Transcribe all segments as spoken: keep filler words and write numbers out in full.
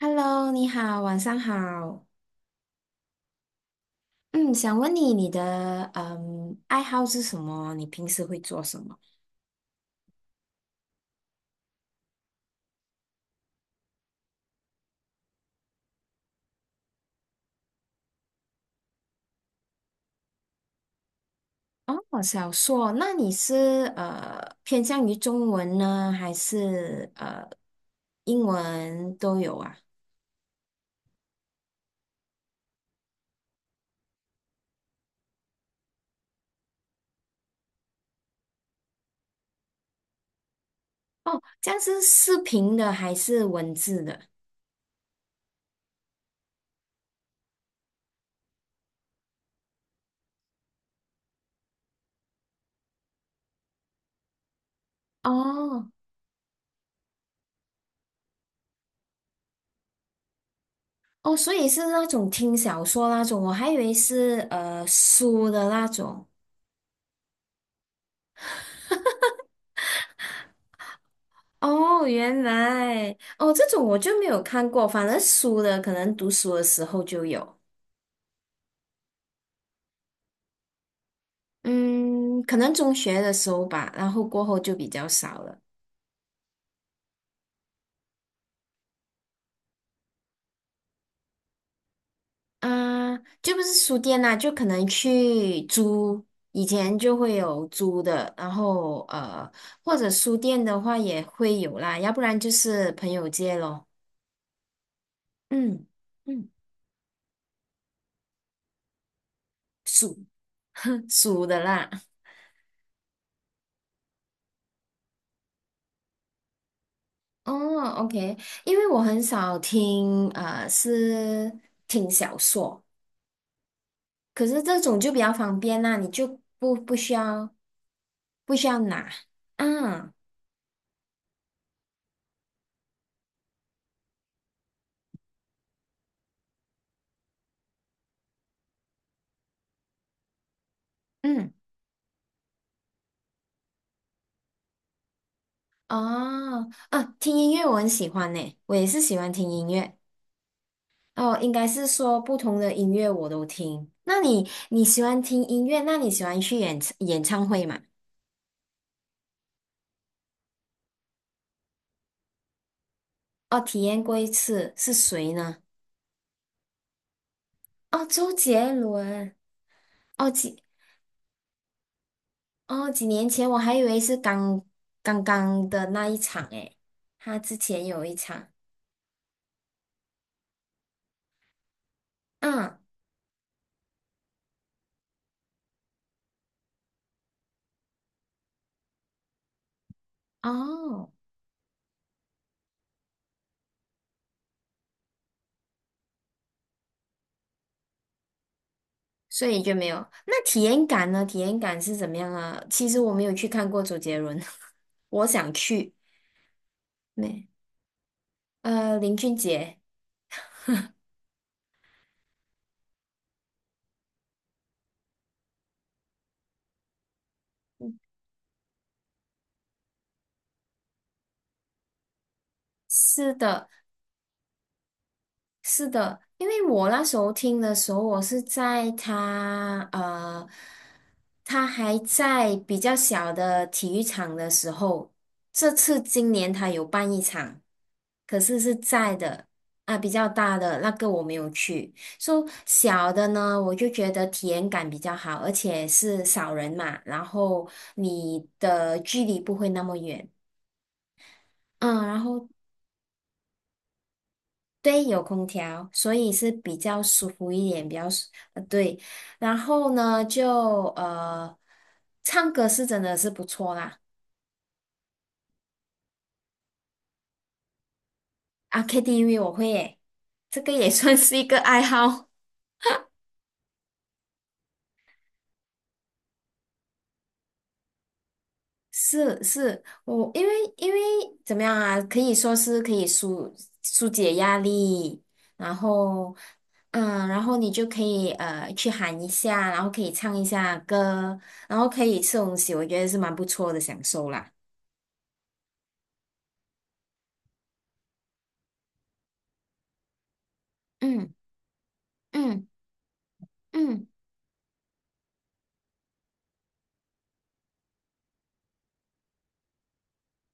Hello，你好，晚上好。嗯，想问你，你的嗯爱好是什么？你平时会做什么？哦，小说，那你是呃偏向于中文呢，还是呃英文都有啊？哦，这样是视频的还是文字的？哦哦，所以是那种听小说那种，我还以为是呃书的那种。哦，原来哦，这种我就没有看过，反正书的可能读书的时候就有，嗯，可能中学的时候吧，然后过后就比较少了。啊、就不是书店啦、就可能去租，以前就会有租的，然后呃，或者书店的话也会有啦，要不然就是朋友借咯。嗯嗯，书 书的啦。哦，OK，因为我很少听，呃，是听小说，可是这种就比较方便啦，你就不不需要不需要拿，嗯嗯，哦，啊，听音乐我很喜欢呢，我也是喜欢听音乐，哦，应该是说不同的音乐我都听。那你你喜欢听音乐，那你喜欢去演唱演唱会吗？哦，体验过一次，是谁呢？哦，周杰伦。哦，杰。哦，几年前我还以为是刚刚刚的那一场诶，他之前有一场，嗯，哦，所以就没有。那体验感呢？体验感是怎么样啊？其实我没有去看过周杰伦，我想去。没，呃，林俊杰，是的，是的，因为我那时候听的时候，我是在他呃，他还在比较小的体育场的时候，这次今年他有办一场，可是是在的啊，比较大的那个我没有去，说小的呢，我就觉得体验感比较好，而且是少人嘛，然后你的距离不会那么远。嗯，然后对，有空调，所以是比较舒服一点，比较舒，呃，对。然后呢，就呃，唱歌是真的是不错啦。啊，K T V 我会耶，这个也 算是一个爱好。是是，我因为因为怎么样啊，可以说是可以疏疏解压力，然后嗯，然后你就可以呃去喊一下，然后可以唱一下歌，然后可以吃东西，我觉得是蛮不错的享受啦。嗯嗯。嗯，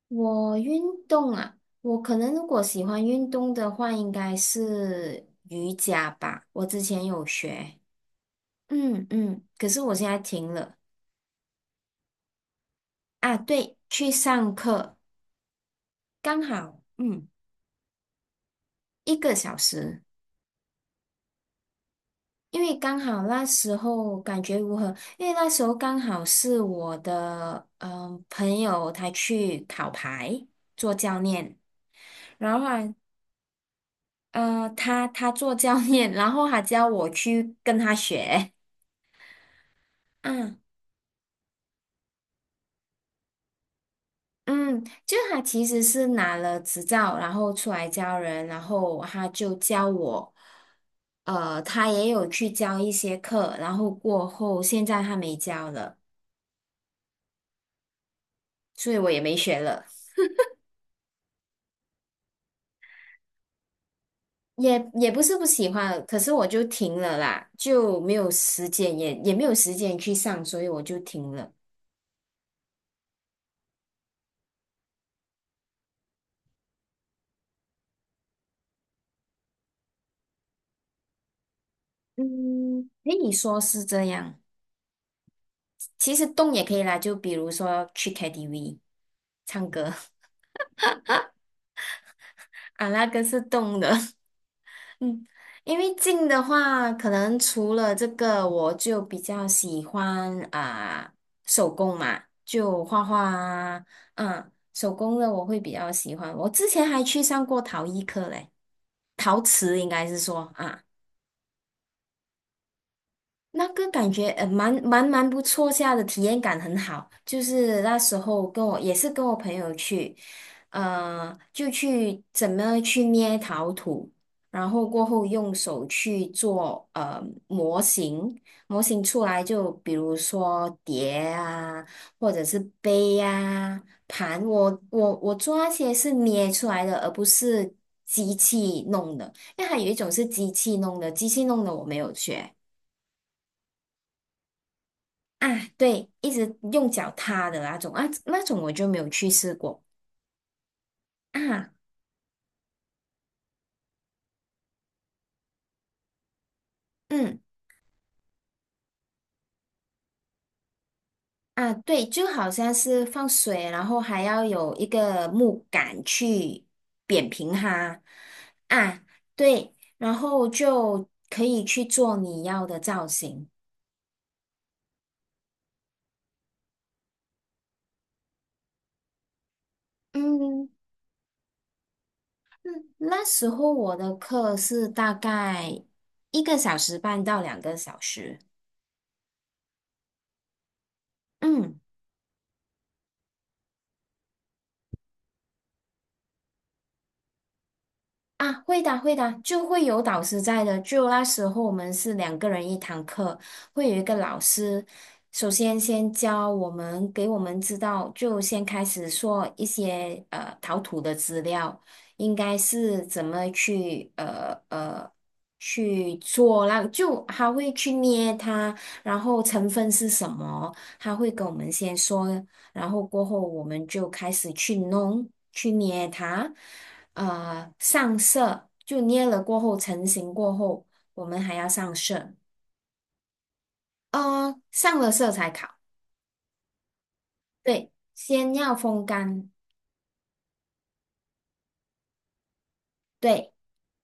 我运动啊，我可能如果喜欢运动的话，应该是瑜伽吧。我之前有学，嗯嗯，可是我现在停了啊。对，去上课，刚好嗯一个小时，因为刚好那时候感觉如何？因为那时候刚好是我的嗯、呃朋友他去考牌做教练。然后啊呃，他他做教练，然后还叫我去跟他学。嗯嗯，就他其实是拿了执照，然后出来教人，然后他就教我，呃，他也有去教一些课，然后过后现在他没教了，所以我也没学了，也也不是不喜欢，可是我就停了啦，就没有时间，也也没有时间去上，所以我就停了。嗯，诶，你说是这样。其实动也可以啦，就比如说去 K T V 唱歌。 啊，那个是动的，嗯，因为静的话，可能除了这个，我就比较喜欢啊、手工嘛，就画画啊，嗯，手工的我会比较喜欢。我之前还去上过陶艺课嘞，陶瓷应该是说啊。那个感觉呃蛮蛮蛮不错下的，体验感很好，就是那时候跟我也是跟我朋友去，呃，就去怎么去捏陶土，然后过后用手去做呃模型，模型出来就比如说碟啊，或者是杯呀盘，我我我做那些是捏出来的，而不是机器弄的，因为还有一种是机器弄的，机器弄的我没有学。啊，对，一直用脚踏的那种啊，那种我就没有去试过啊。嗯啊，对，就好像是放水，然后还要有一个木杆去扁平它啊。对，然后就可以去做你要的造型。嗯嗯，那时候我的课是大概一个小时半到两个小时。嗯。啊，会的，会的，就会有导师在的。就那时候我们是两个人一堂课，会有一个老师，首先先教我们，给我们知道，就先开始说一些呃陶土的资料，应该是怎么去呃呃去做那，就他会去捏它，然后成分是什么，他会跟我们先说，然后过后我们就开始去弄，去捏它。呃上色，就捏了过后成型过后，我们还要上色，呃，上了色才烤。对，先要风干。对，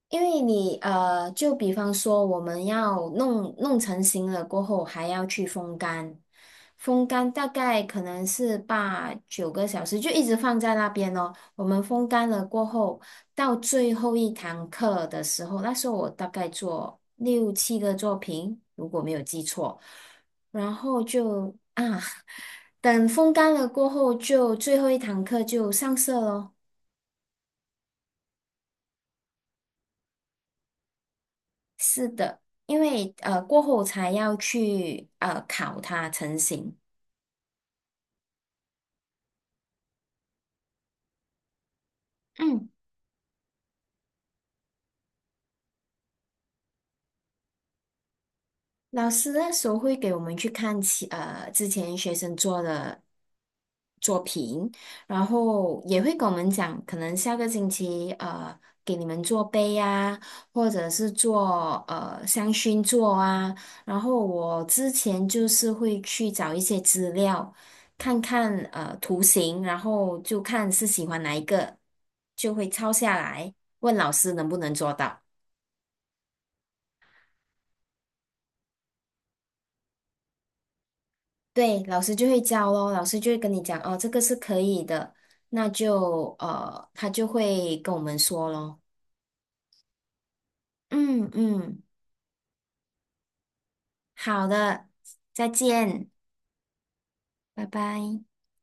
因为你呃，就比方说我们要弄弄成型了过后，还要去风干，风干大概可能是八九个小时，就一直放在那边哦。我们风干了过后，到最后一堂课的时候，那时候我大概做六七个作品，如果没有记错，然后就啊，等风干了过后就，最后一堂课就上色咯。是的，因为呃过后才要去呃烤它成型。嗯。老师那时候会给我们去看其呃之前学生做的作品，然后也会跟我们讲，可能下个星期呃给你们做杯啊，或者是做呃香薰座啊。然后我之前就是会去找一些资料，看看呃图形，然后就看是喜欢哪一个，就会抄下来，问老师能不能做到。对，老师就会教咯，老师就会跟你讲哦，这个是可以的，那就呃，他就会跟我们说咯。嗯嗯，好的，再见，拜拜。